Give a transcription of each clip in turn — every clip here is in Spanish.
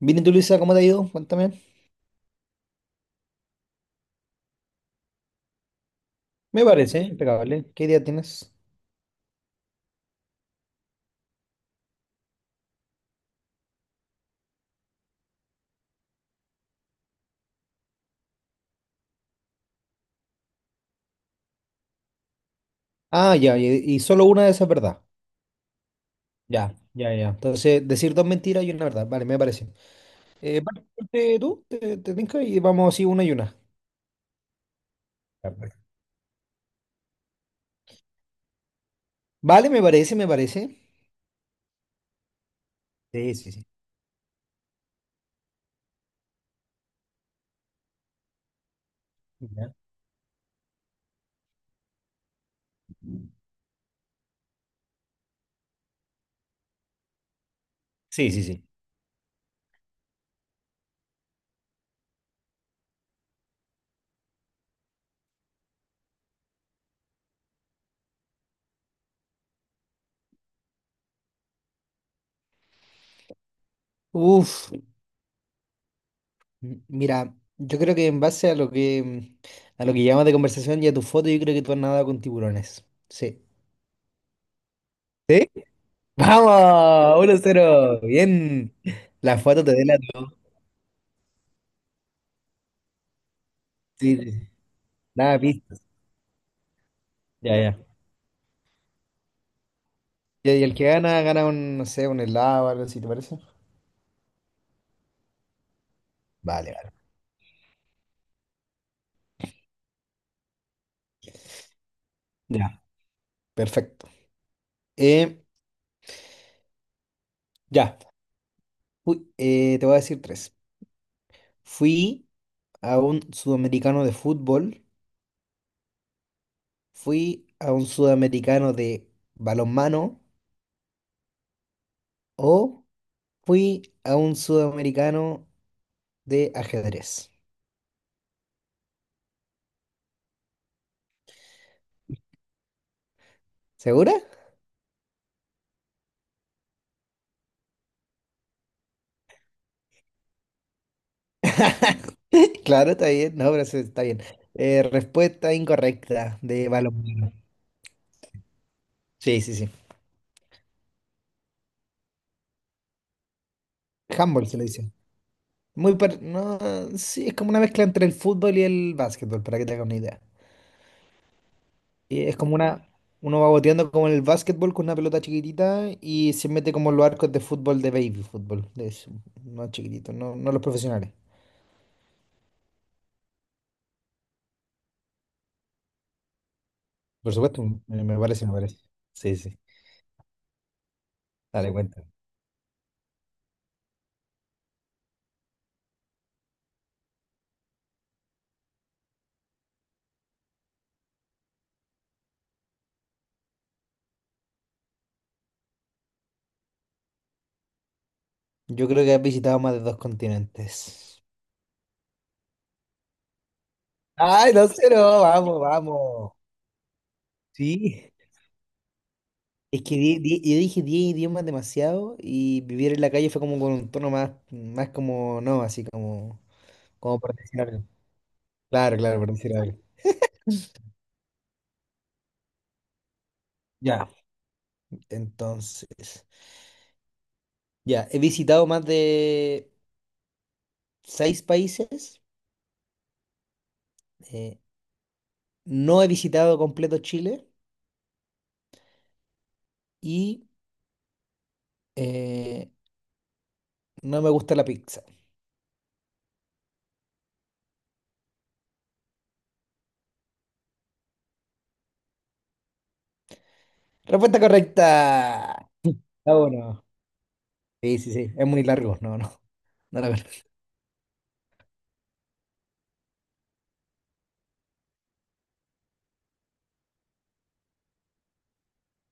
Bien, ¿y tú, Luisa, cómo te ha ido? Cuéntame. Me parece impecable. ¿Qué idea tienes? Ah, ya, y solo una de esas es verdad. Ya, ya, ya. Entonces, decir dos mentiras y una verdad. Vale, me parece. Vale, ponte tú, te tinca y vamos así una y una. Perfecto. Vale, me parece, me parece. Sí, sí, sí. Ya. Sí, sí, sí. Uf, mira, yo creo que en base a lo que llamas de conversación y a tu foto, yo creo que tú has nadado con tiburones. Sí. ¿Sí? ¡Vamos! Uno cero. Bien. La foto te delato. Sí, sí. Nada, de pistas. Ya, ya. Y el que gana, gana un, no sé, un helado o algo así, ¿te parece? Vale, vale. Ya. Perfecto. Eh, ya. Te voy a decir tres. Fui a un sudamericano de fútbol, fui a un sudamericano de balonmano o fui a un sudamericano de ajedrez. ¿Segura? Claro, está bien. No, pero eso está bien. Respuesta incorrecta, de balonmano. Sí, sí, sí. Handball se le dice. No, sí, es como una mezcla entre el fútbol y el básquetbol, para que te hagas una idea. Y es como una, uno va boteando como en el básquetbol con una pelota chiquitita y se mete como en los arcos de fútbol de baby fútbol, de eso, no chiquitito no, no los profesionales. Por supuesto, me parece, me parece. Sí, sí, dale cuenta. Yo creo que has visitado más de dos continentes. Ay, no sé, no, vamos, vamos. Sí. Es que yo dije 10 idiomas demasiado y vivir en la calle fue como con un tono más, más como, no, así como, como por decir algo. Claro, claro, por decir algo. Ya, entonces, ya, he visitado más de seis países, eh, no he visitado completo Chile y eh, no me gusta la pizza. Respuesta correcta. Ah, bueno. Sí, sí, sí, es muy largo, no, no, no la.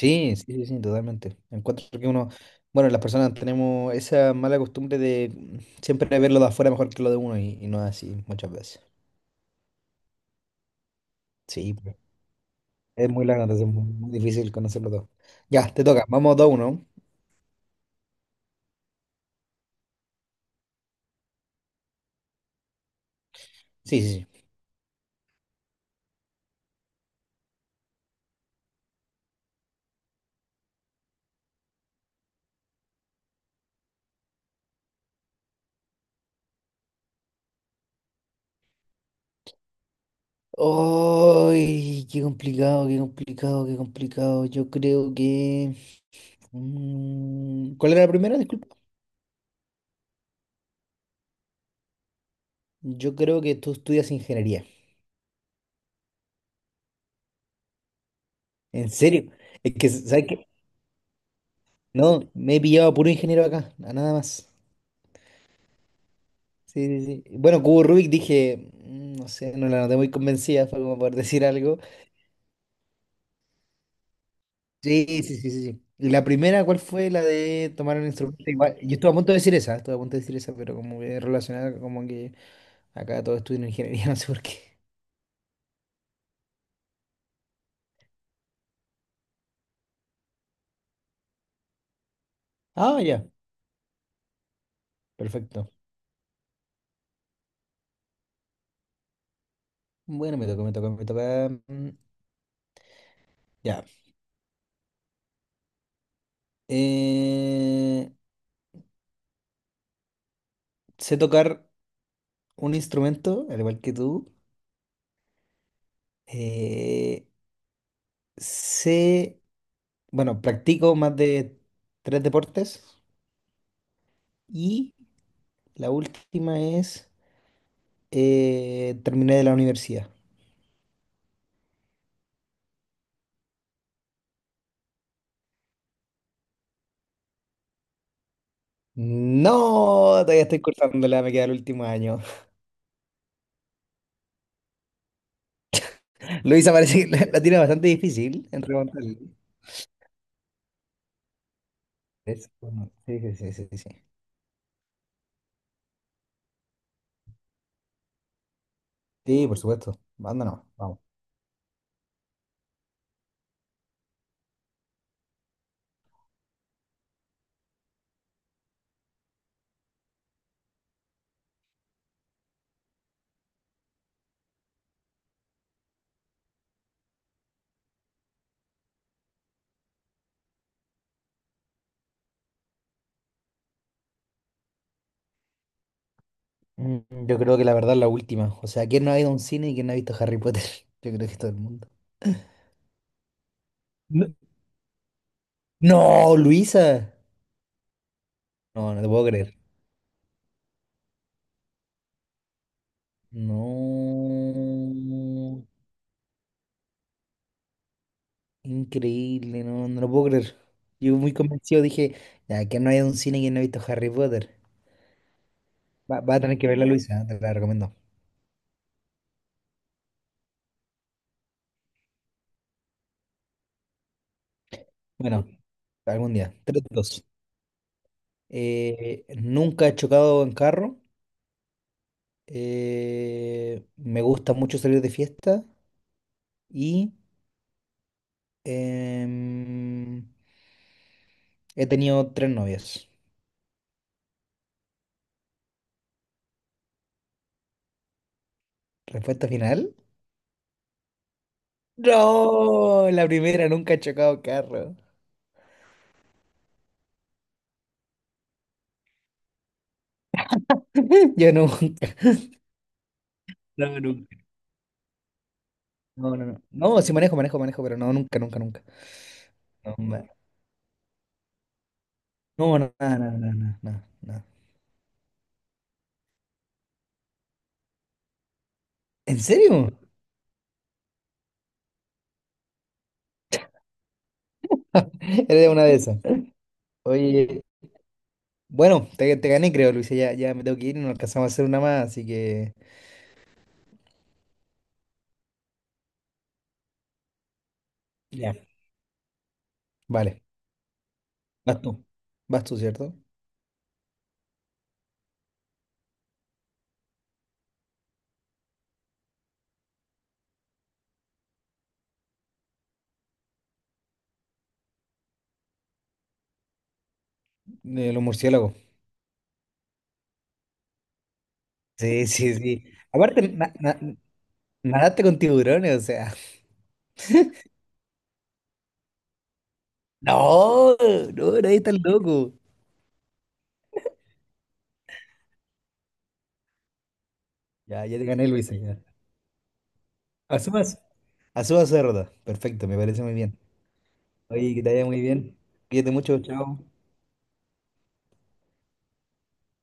Sí, sí, sí, sí, totalmente. Encuentro que uno, bueno, las personas tenemos esa mala costumbre de siempre ver lo de afuera mejor que lo de uno y no es así muchas veces. Sí, pues, es muy largo, entonces es muy, muy difícil conocerlo todo. Ya, te toca, vamos dos uno. Sí, sí, sí. ¡Ay! Qué complicado, qué complicado, qué complicado. Yo creo que... mm, ¿cuál era la primera? Disculpa. Yo creo que tú estudias ingeniería. ¿En serio? Es que, ¿sabes qué? No, me he pillado a puro ingeniero acá, a nada más. Sí, sí, sí. Bueno, Cubo Rubik dije, mm, no sé, no la noté muy convencida, fue como por decir algo. Sí, sí, sí, sí, sí. Y la primera, ¿cuál fue la de tomar un instrumento? Igual, yo estuve a punto de decir esa, estuve a punto de decir esa, pero como que relacionada, como que acá todos estudian ingeniería, no sé por qué. Ah, ya, perfecto. Bueno, me toca, me toca, me toca. Mm, ya. Eh, sé tocar un instrumento, al igual que tú. Eh, sé, bueno, practico más de tres deportes. Y la última es, terminé de la universidad. No, todavía estoy cursándola, me queda el último año. Luisa parece que la tiene bastante difícil en remontar. Es- Sí, sí, sí, sí, sí. Sí. Sí, por supuesto. Anda nomás, vamos. Mm, yo creo que la verdad es la última. O sea, ¿quién no ha ido a un cine y quién no ha visto Harry Potter? Yo creo que todo el mundo. No, no, Luisa. No, no te puedo creer. No. Increíble, no, no lo puedo creer. Yo muy convencido dije, ya que no hay un cine que no ha visto Harry Potter. Va, va a tener que verla, Luisa, ¿eh? Te la recomiendo. Bueno, algún día. Tres dos. Nunca he chocado en carro. Me gusta mucho salir de fiesta. Y em, he tenido tres novias. Respuesta final. No, la primera, nunca he chocado en carro. Yo nunca. No, nunca. No, no, no. No, sí manejo, manejo, manejo, pero no, nunca, nunca, nunca. No, no, no, nada, nada, nada, nada, nada. ¿En serio? Eres una de esas. Oye, bueno, te gané, creo, Luisa. Ya, ya me tengo que ir, no alcanzamos a hacer una más, así que. Ya. Vale, vas tú. Vas tú, ¿cierto? De los murciélagos. Sí, sí, sí. Aparte, nadaste con tiburones, o sea. No, no, nadie tan loco. Ya, ya te gané, Luisa. Ya. Asumas. Asumas, cerda. Perfecto, me parece muy bien. Oye, que te vaya muy bien. Cuídate mucho, chao.